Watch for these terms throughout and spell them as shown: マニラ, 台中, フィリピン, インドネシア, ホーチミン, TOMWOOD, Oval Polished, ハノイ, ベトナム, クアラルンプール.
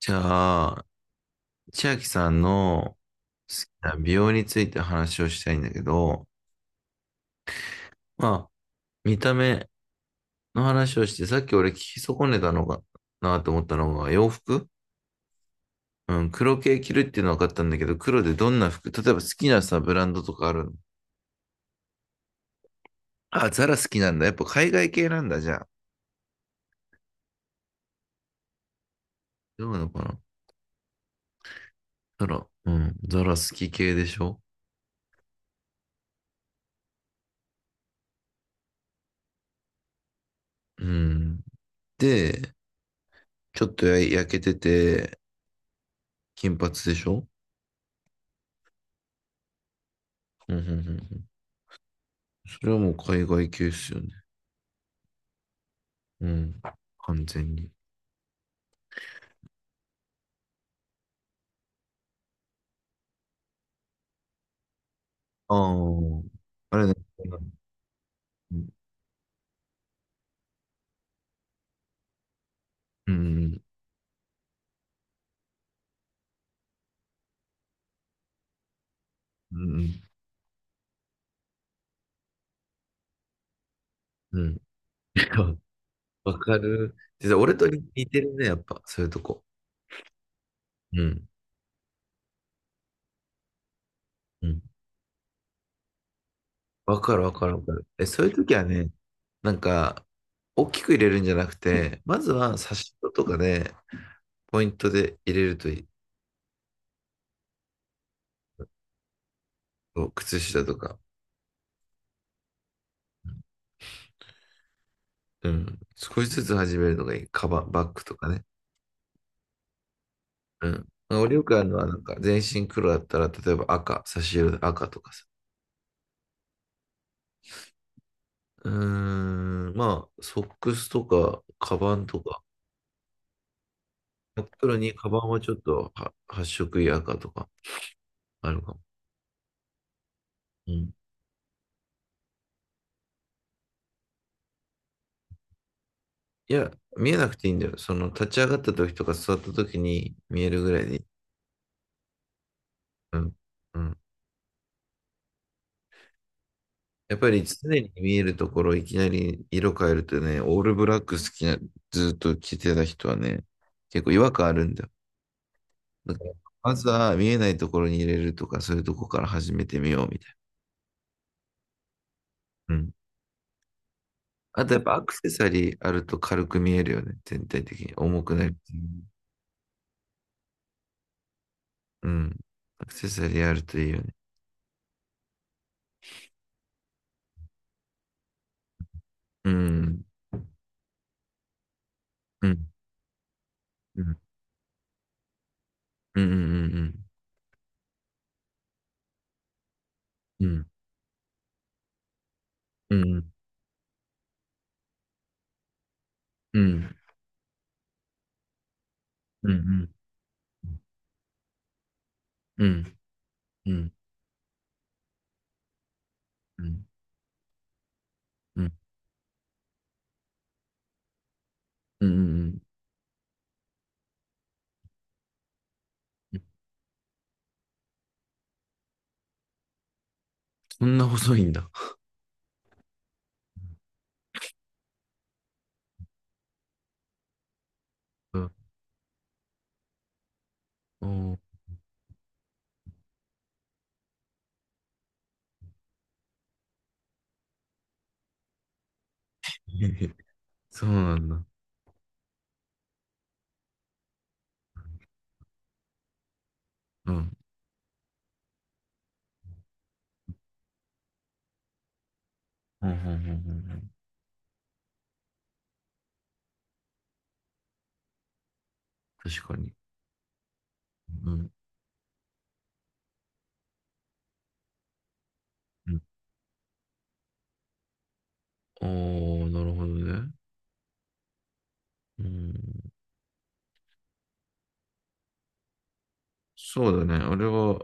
じゃあ、千秋さんの好きな美容について話をしたいんだけど、まあ、見た目の話をして、さっき俺聞き損ねたのかなと思ったのが、洋服。うん、黒系着るっていうのは分かったんだけど、黒でどんな服、例えば好きなさ、ブランドとかあるの？あ、ザラ好きなんだ。やっぱ海外系なんだ、じゃあ。どうなのかな。ザラ、うん、ザラ好き系でしょ？うん。で、ちょっとや焼けてて、金髪でしょ？うん、うん、うん。うん、それはもう海外系っすよね。うん。完全に。ああ、あれだ、うん、うん、うん、うん。わかる。実は俺と似てるね、やっぱ、そういうとこ。うん、うん。わかる、わかる、わかる。え、そういう時はね、なんか、大きく入れるんじゃなくて、まずは差し色とかで、ポイントで入れるといい。そう、靴下とか。うん。少しずつ始めるのがいい。カバン、バッグとかね。うん。俺よくあるのは、全身黒だったら、例えば赤、差し色で赤とかさ。うーん、まあ、ソックスとか、カバンとか、真っ黒にカバンはちょっとは発色いい赤とかあるかも。うん。いや、見えなくていいんだよ。その、立ち上がった時とか座った時に見えるぐらいでいい。うん。うん。やっぱり常に見えるところ、いきなり色変えるとね、オールブラック好きな、ずっと着てた人はね、結構違和感あるんだよ。だから、まずは見えないところに入れるとか、そういうとこから始めてみようみたいな。うん。あとやっぱアクセサリーあると軽く見えるよね。全体的に。重くなる。うん。アクセサリーあるといいよね。うん。うん。うん。うん。うん。うん。うん。うん。うん。うん。うん。うん。うん。うん。そんな細いんだ。うん。お、そうなんだ。うん。うん。うん。うん。確かに。うん。おー、なるほどね。うん。そうだね。俺は、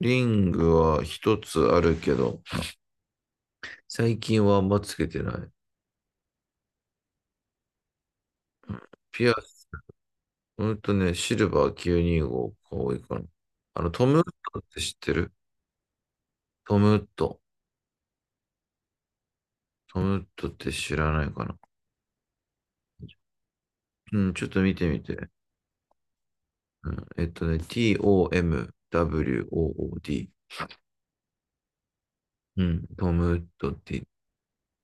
リングは一つあるけど、最近はあんまつけてない。うん。ピアス、ほんとね、シルバー925が多いかな。あの、トムウッドって知ってる？トムウッド。トムウッドって知らないかな。うん、ちょっと見てみて。TOMWOOD。うん、トムウッドって言っ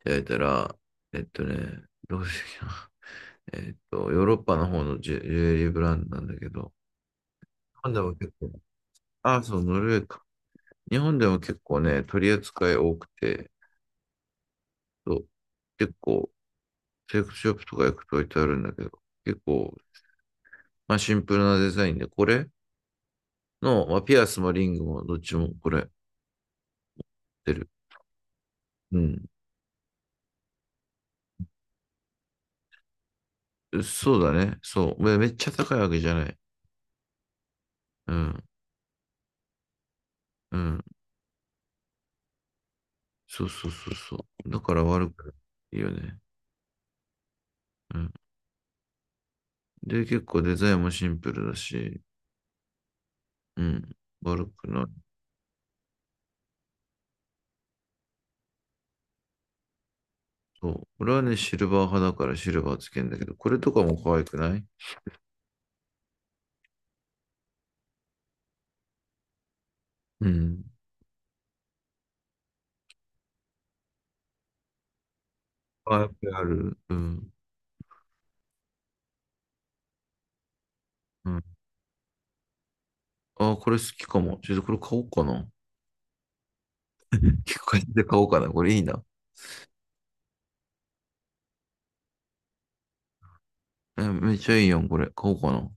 てあげたら、えっとね、どうしてな。ヨーロッパの方のジュ、ジュエリーブランドなんだけど、日本でも結構、あ、そう、ノルウェーか。日本でも結構ね、取り扱い多くて、そう。結構、セレクトショップとか行くと置いてあるんだけど、結構、まあシンプルなデザインで、これの、まあピアスもリングもどっちもこれ出る。うん。そうだね。そう。めっちゃ高いわけじゃない。うん。うん。そうそうそうそう。だから悪くないよね。うん。で、結構デザインもシンプルだし、うん。悪くない。そう。俺はね、シルバー派だからシルバーつけんだけど、これとかも可愛くない？うん。可愛くある。うん。うん、ああ、これ好きかも。ちょっとこれ買おうかな。聞構買て買おうかな。これいいな。え、めっちゃいいやん、これ。買おうかな。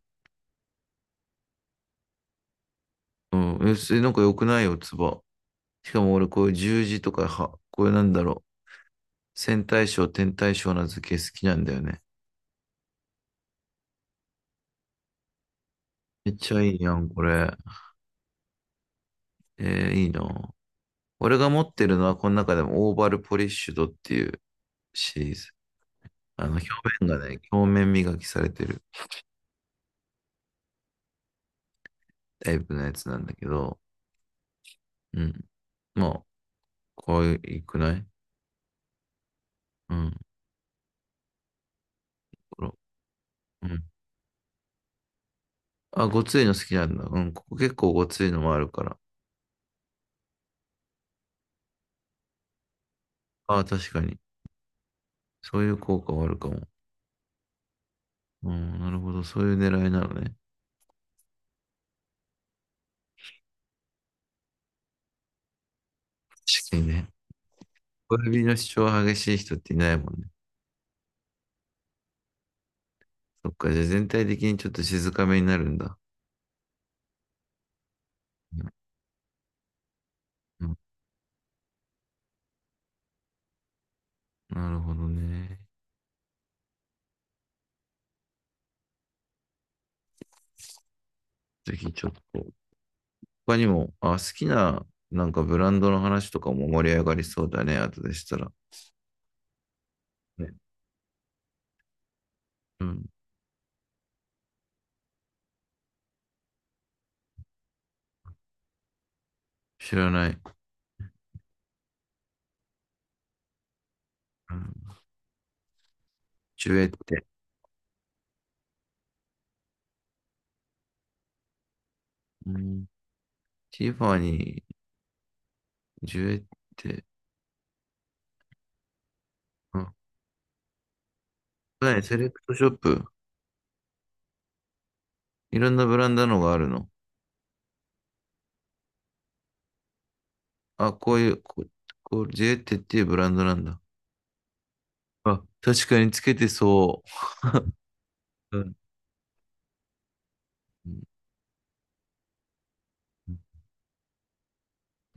うん。え、それなんか良くないよ、つば。しかも俺、こういう十字とか、は、こういうなんだろう。線対称、点対称な図形好きなんだよね。めっちゃいいやん、これ。えーいいな。俺が持ってるのは、この中でもオーバルポリッシュドっていうシリーズ。あの、表面がね、表面磨きされてるタイプのやつなんだけど、うん。まあ、可愛くない？うん。ほら。うん。あ、ごついの好きなんだ。うん、ここ結構ごついのもあるから。ああ、確かに。そういう効果はあるかも。うん、なるほど。そういう狙いなのね。確かにね。小指の主張が激しい人っていないもんね。そっか、じゃあ全体的にちょっと静かめになるんだ。うん、うん、なるほどね。ぜひちょっと。他にも、あ、好きな、なんかブランドの話とかも盛り上がりそうだね。後でしたら。ね、うん、知らない。うん、ジュエって。うん、ティファニー、ジュエって。うん、はい、セレクトショップ。いろんなブランドのがあるの？あ、こういう、こ、こう、ジェーテっていうブランドなんだ。あ、確かにつけてそう。うん。うん、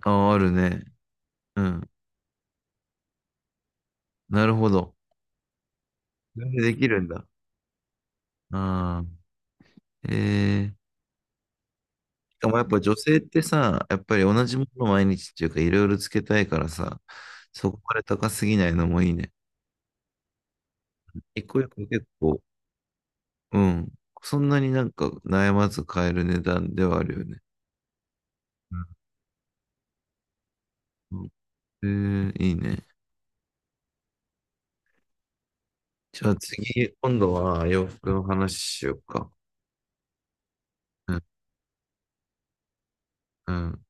あ、あるね。うん。なるほど。それでできるんだ。ああ。えー。しかもやっぱ女性ってさ、やっぱり同じものを毎日っていうかいろいろつけたいからさ、そこまで高すぎないのもいいね。一個一個結構、うん。そんなになんか悩まず買える値段ではあるよね。うん。えー、いいね。じゃあ次、今度は洋服の話しようか。うん、うん。